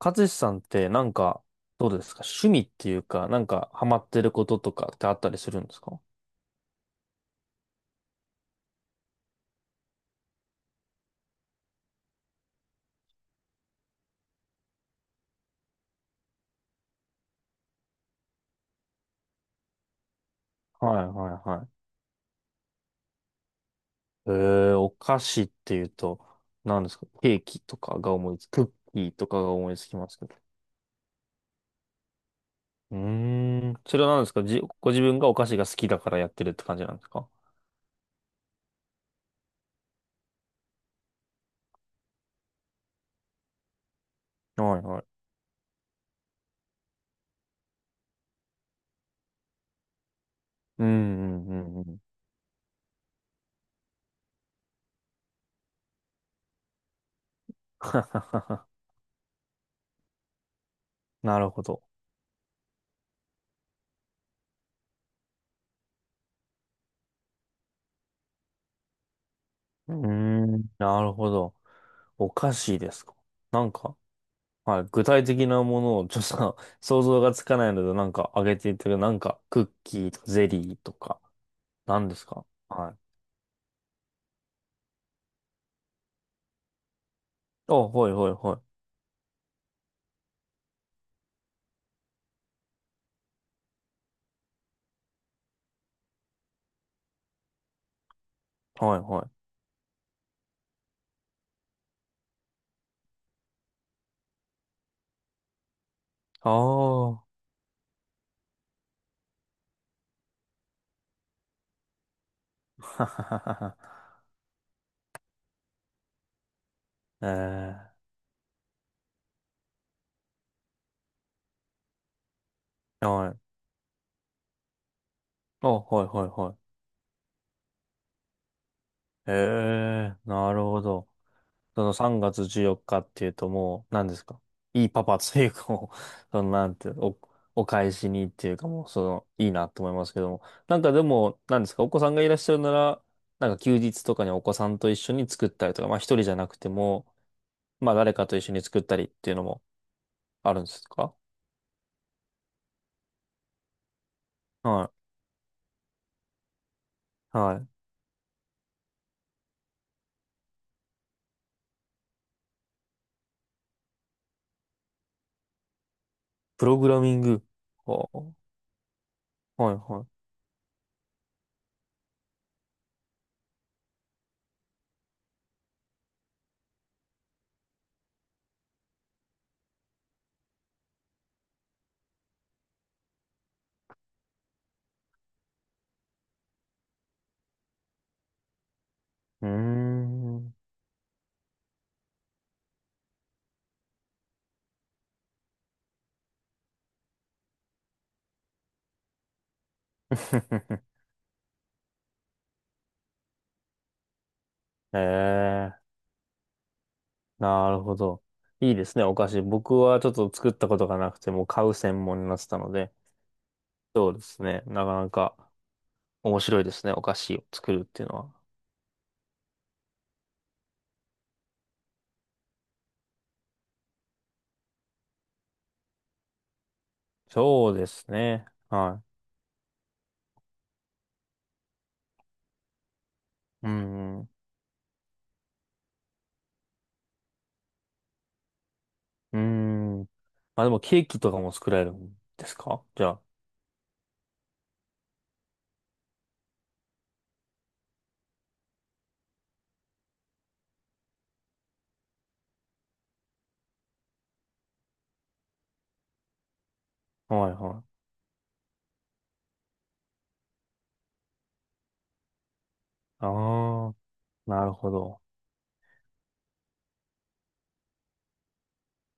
勝さんってなんか、どうですか？趣味っていうか、なんかハマってることとかってあったりするんですか？はいはいはい。えー、お菓子っていうと、何ですかケーキとかが思いつ、クッキーとかが思いつきますけど。うーん。それは何ですかご自分がお菓子が好きだからやってるって感じなんですか？はいはい。うんうんうんうん。なるほど。うーん。なるほど。お菓子ですか？なんか、はい。具体的なものをちょっと 想像がつかないので、なんかあげていただくなんかクッキーとかゼリーとか、何ですか？はい。あ、はいはいはい。はいはい。ああ。はははは。ええー。はい。あ、はいはいはい。ええー、なるほど。その3月14日っていうともう、何ですか？いいパパというかもう、そのなんていうの、お返しにっていうかもう、その、いいなと思いますけども。なんかでも、何ですか？お子さんがいらっしゃるなら、なんか休日とかにお子さんと一緒に作ったりとか、まあ一人じゃなくても、まあ誰かと一緒に作ったりっていうのもあるんですか？はい。はい。プログラミング。はあはいはい。うーん。へえ。なるほど。いいですね、お菓子。僕はちょっと作ったことがなくて、もう買う専門になってたので、そうですね。なかなか面白いですね、お菓子を作るっていうのは。そうですね。はい。うん。うん。うん、まあでもケーキとかも作られるんですかじゃあ？はいはい。ああ、なるほど。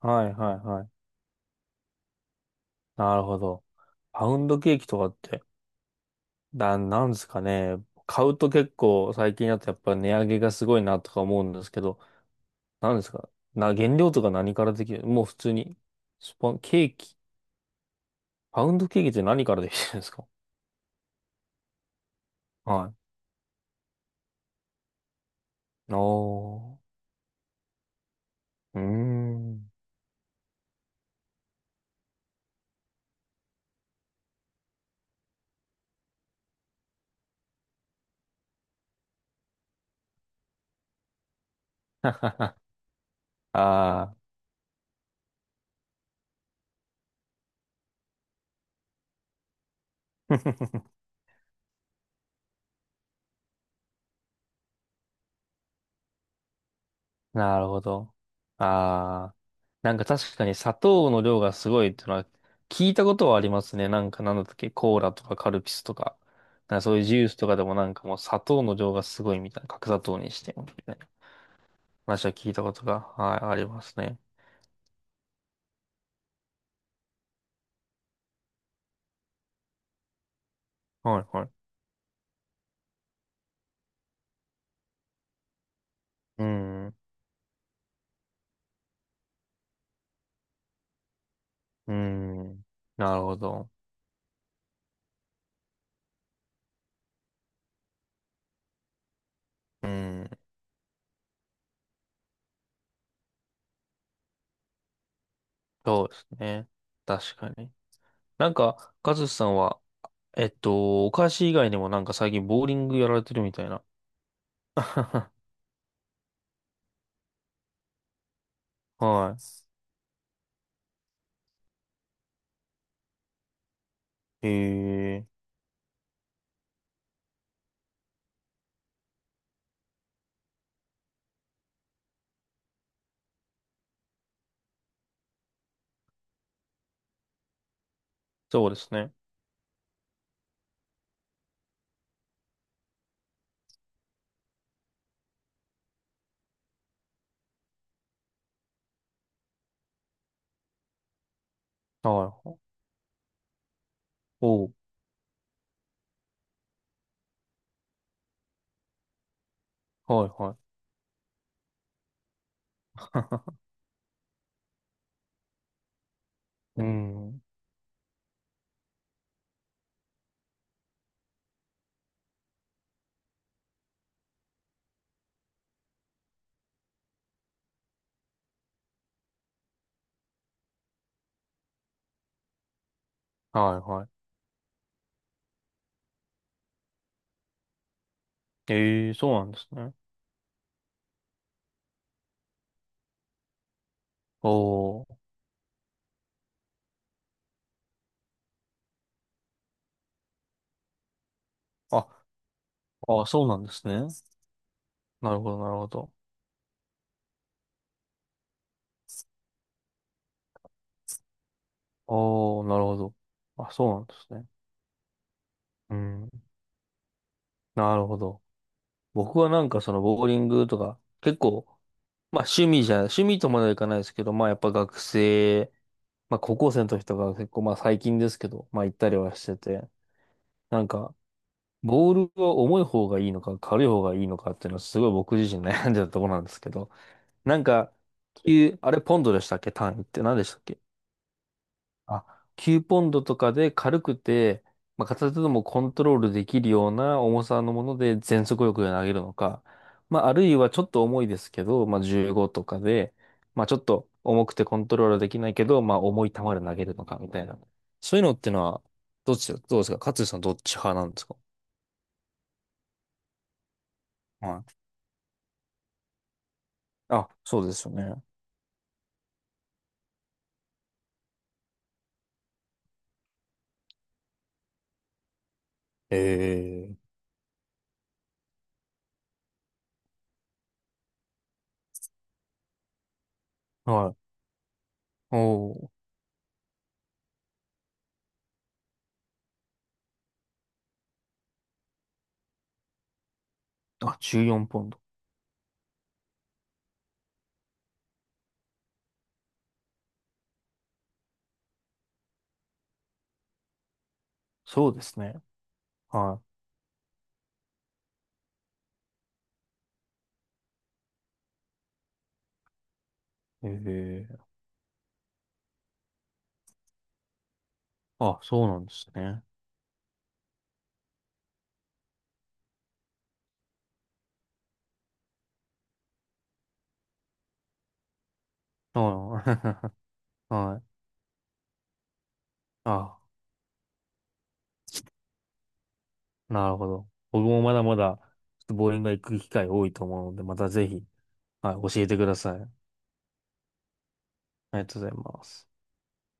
はいはいはい。なるほど。パウンドケーキとかって、なんですかね。買うと結構最近だとやっぱ値上げがすごいなとか思うんですけど、何ですか原料とか何からできるもう普通に。スパン、ケーキ。パウンドケーキって何からできてるんですか？はい。おー。うーん。ああ。なるほど。ああ。なんか確かに砂糖の量がすごいっていうのは聞いたことはありますね。なんかなんだったっけ？コーラとかカルピスとか。なんかそういうジュースとかでもなんかもう砂糖の量がすごいみたいな。角砂糖にしてみたいな話は聞いたことが、はい、ありますね。はいはい。うん。うん。なるほど。うん。そうですね。確かに。なんか、カズさんは、お菓子以外にもなんか最近ボーリングやられてるみたいな。はい。ええ、そうですね。はい。おう、はいはい。うん。はいはい。ええ、そうなんですね。おー。あ、あ、そうなんですね。なるほど、なるほど。おー、なるほど。あ、そうなんですね。うん。なるほど。僕はなんかそのボーリングとか、結構、趣味とまではいかないですけど、まあやっぱ学生、まあ高校生の時とか結構まあ最近ですけど、まあ行ったりはしてて、なんか、ボールは重い方がいいのか軽い方がいいのかっていうのはすごい僕自身悩んでたところなんですけど、なんか、球、あれポンドでしたっけ？単位って何でしたっけ？あ、9ポンドとかで軽くて、まあ、片手でもコントロールできるような重さのもので全速力で投げるのか、まあ、あるいはちょっと重いですけど、まあ、15とかで、まあ、ちょっと重くてコントロールできないけど、まあ、重い球で投げるのかみたいな。そういうのってのは、どっちだ、どうですか勝地さんどっち派なんですか？はい。あ、そうですよね。ええはい。おお。あ、14ポンド。そうですね。はい。ええあ、そうなんですね。はい はい。あ、なるほど。僕もまだまだ、ちょっとボーリングが行く機会多いと思うので、またぜひ、はい、教えてください。ありがとうございます。